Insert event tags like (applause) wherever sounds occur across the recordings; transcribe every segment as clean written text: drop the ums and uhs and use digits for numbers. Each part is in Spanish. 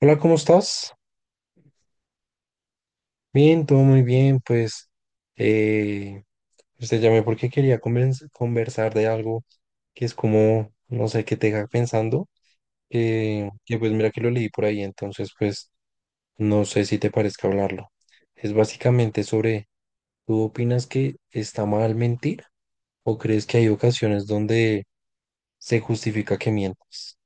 Hola, ¿cómo estás? Bien, todo muy bien. Pues eh, pues te llamé porque quería conversar de algo que es como, no sé, que te deja pensando, que pues mira que lo leí por ahí, entonces pues no sé si te parezca hablarlo. Es básicamente sobre, ¿tú opinas que está mal mentir o crees que hay ocasiones donde se justifica que mientas?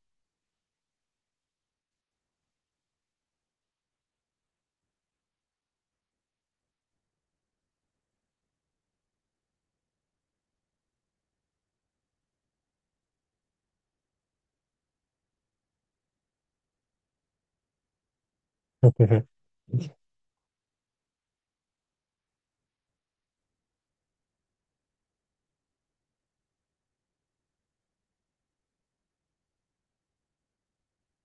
(laughs)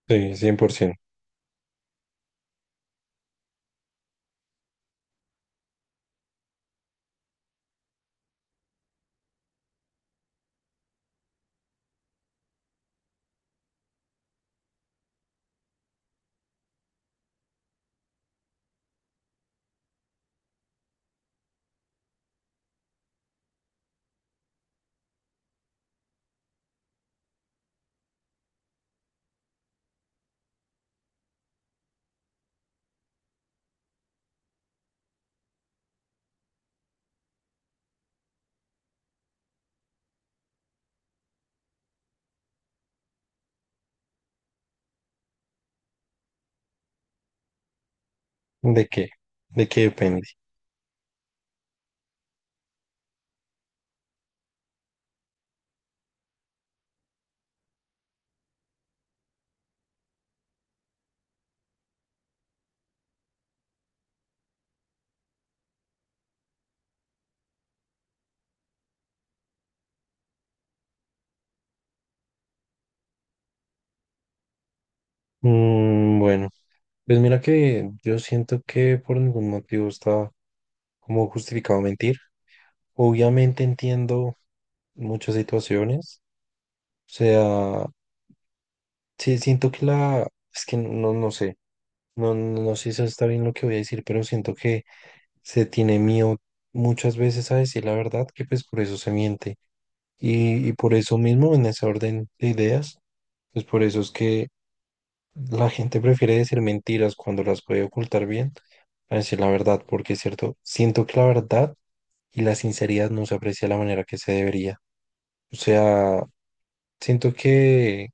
Sí, 100%. ¿De qué? ¿De qué depende? Mm, bueno. Pues mira que yo siento que por ningún motivo está como justificado mentir. Obviamente entiendo muchas situaciones. O sea, sí, siento que la... Es que no, no sé. No, no sé si está bien lo que voy a decir, pero siento que se tiene miedo muchas veces a decir la verdad, que pues por eso se miente. Y por eso mismo, en ese orden de ideas, pues por eso es que la gente prefiere decir mentiras cuando las puede ocultar bien a decir la verdad, porque es cierto, siento que la verdad y la sinceridad no se aprecia de la manera que se debería. O sea, siento que,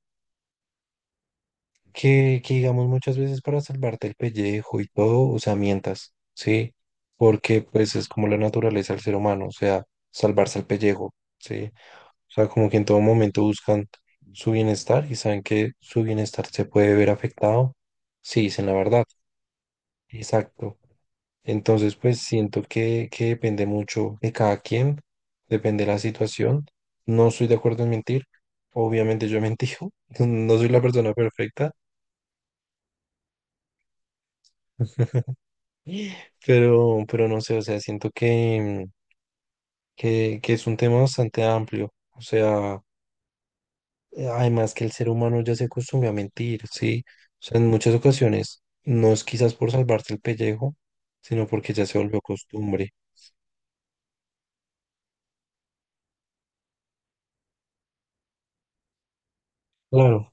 que digamos muchas veces para salvarte el pellejo y todo, o sea, mientas, ¿sí? Porque pues es como la naturaleza del ser humano, o sea, salvarse el pellejo, ¿sí? O sea, como que en todo momento buscan su bienestar y saben que su bienestar se puede ver afectado si dicen la verdad. Exacto. Entonces, pues siento que depende mucho de cada quien, depende de la situación. No estoy de acuerdo en mentir. Obviamente yo he mentido, (laughs) no soy la persona perfecta, pero no sé, o sea, siento que, que es un tema bastante amplio. O sea, además que el ser humano ya se acostumbra a mentir, ¿sí? O sea, en muchas ocasiones no es quizás por salvarse el pellejo, sino porque ya se volvió costumbre. Claro.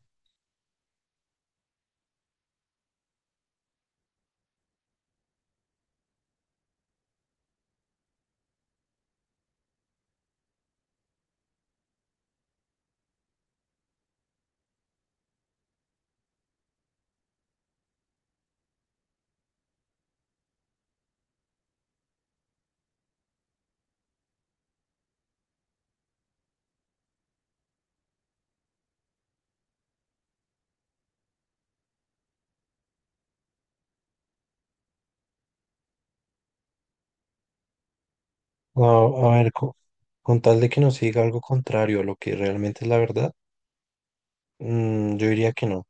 A ver, con, tal de que no se diga algo contrario a lo que realmente es la verdad, mm, yo diría que no.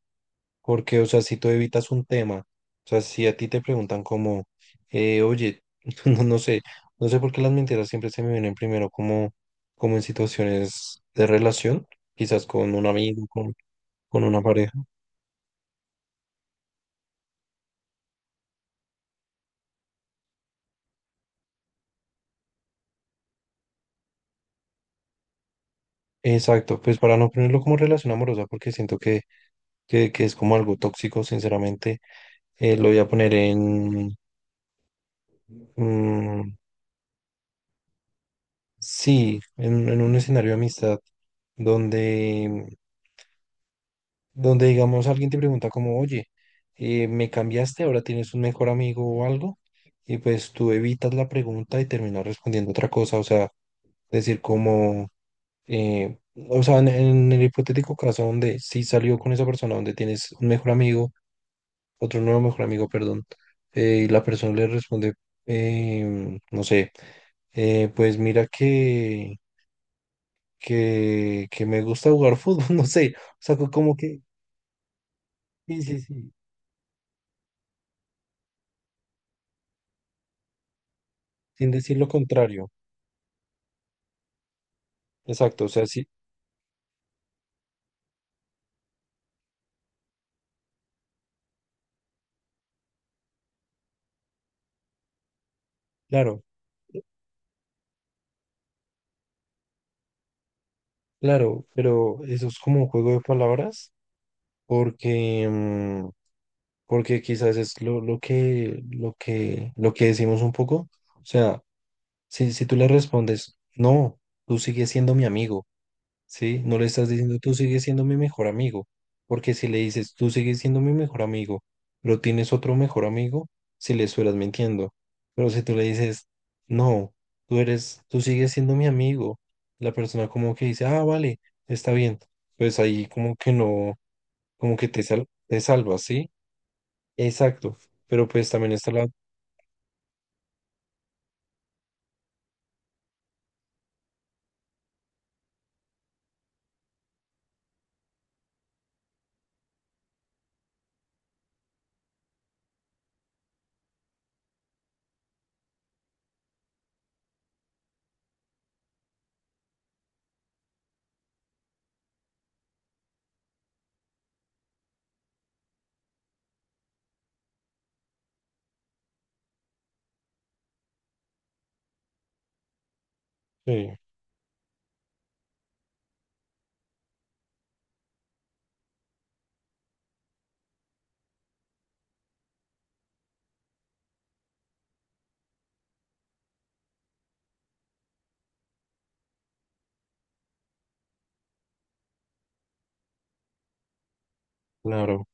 Porque, o sea, si tú evitas un tema, o sea, si a ti te preguntan como, oye, (laughs) no, no sé, no sé por qué las mentiras siempre se me vienen primero como, como en situaciones de relación, quizás con un amigo, con una pareja. Exacto, pues para no ponerlo como relación amorosa, porque siento que, que es como algo tóxico, sinceramente, lo voy a poner en... Mm, sí, en un escenario de amistad donde, donde digamos alguien te pregunta como, oye, ¿me cambiaste? ¿Ahora tienes un mejor amigo o algo? Y pues tú evitas la pregunta y terminas respondiendo otra cosa, o sea, decir como, eh, o sea, en el hipotético caso donde sí salió con esa persona, donde tienes un mejor amigo, otro nuevo mejor amigo, perdón, y la persona le responde, no sé, pues mira que... que me gusta jugar fútbol, (laughs) no sé, o sea, como que, sí, sí, sí, sin decir lo contrario, exacto, o sea, sí, claro, claro, pero eso es como un juego de palabras, porque, mm, porque quizás es lo, lo que decimos un poco, o sea, si, si tú le respondes, no, tú sigues siendo mi amigo, ¿sí? No le estás diciendo, tú sigues siendo mi mejor amigo, porque si le dices, tú sigues siendo mi mejor amigo, pero tienes otro mejor amigo, si le estuvieras mintiendo. Pero si tú le dices, no, tú eres, tú sigues siendo mi amigo, la persona como que dice, ah, vale, está bien, pues ahí como que no, como que te salvas, ¿sí? Exacto, pero pues también está la... Sí, claro.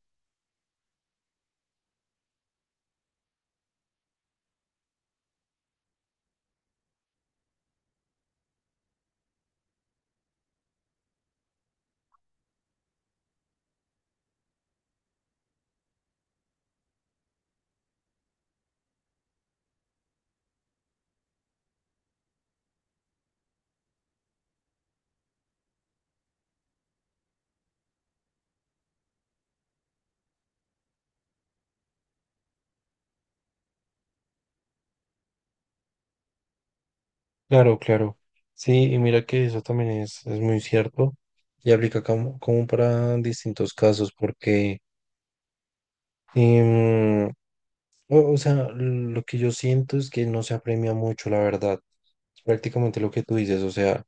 Claro, claro. Sí, y mira que eso también es muy cierto y aplica como, como para distintos casos, porque, em, o sea, lo que yo siento es que no se apremia mucho, la verdad. Es prácticamente lo que tú dices, o sea,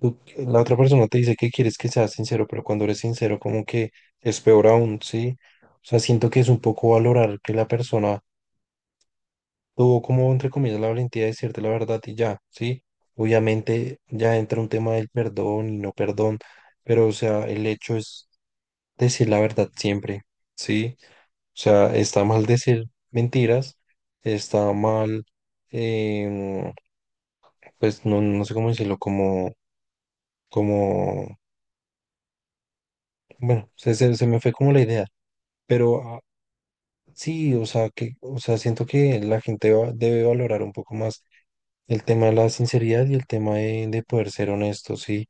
la otra persona te dice que quieres que seas sincero, pero cuando eres sincero, como que es peor aún, ¿sí? O sea, siento que es un poco valorar que la persona tuvo como, entre comillas, la valentía de decirte la verdad y ya, ¿sí? Obviamente ya entra un tema del perdón y no perdón, pero o sea, el hecho es decir la verdad siempre, ¿sí? O sea, está mal decir mentiras, está mal, em, pues no, no sé cómo decirlo, como, como, bueno, se me fue como la idea, pero ah, sí, o sea, que, o sea, siento que la gente debe valorar un poco más el tema de la sinceridad y el tema de poder ser honesto, sí,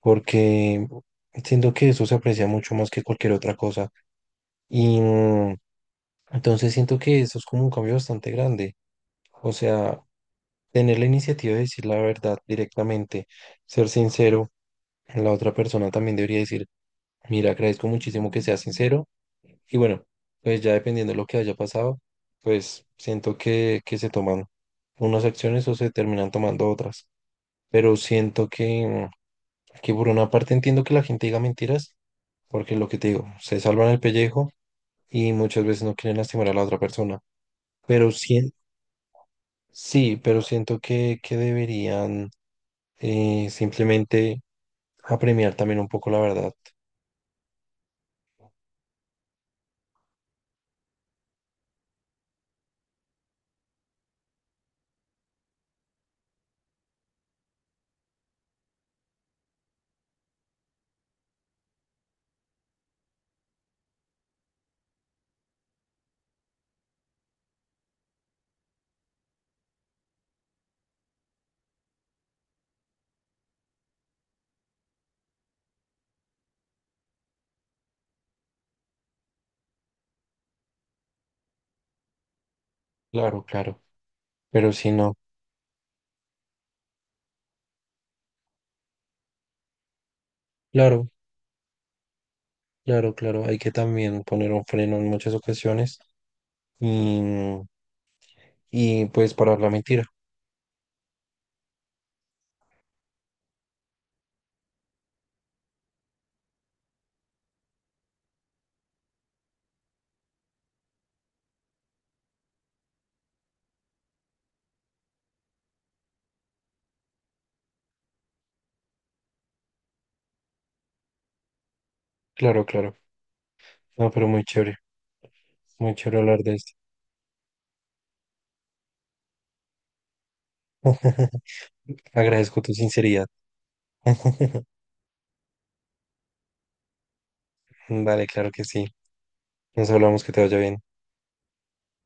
porque siento que eso se aprecia mucho más que cualquier otra cosa. Y mm, entonces siento que eso es como un cambio bastante grande. O sea, tener la iniciativa de decir la verdad directamente, ser sincero, la otra persona también debería decir, mira, agradezco muchísimo que seas sincero. Y bueno, pues ya dependiendo de lo que haya pasado, pues siento que se toman unas acciones o se terminan tomando otras. Pero siento que... mm, que por una parte entiendo que la gente diga mentiras, porque lo que te digo, se salvan el pellejo y muchas veces no quieren lastimar a la otra persona. Pero sí, sí, pero siento que deberían simplemente apremiar también un poco la verdad. Claro, claro. Pero si no, claro, claro, claro. Hay que también poner un freno en muchas ocasiones y, y pues parar la mentira. Claro, claro. No, pero muy chévere hablar de esto. (laughs) Agradezco tu sinceridad. (laughs) Vale, claro que sí. Nos hablamos, que te vaya bien.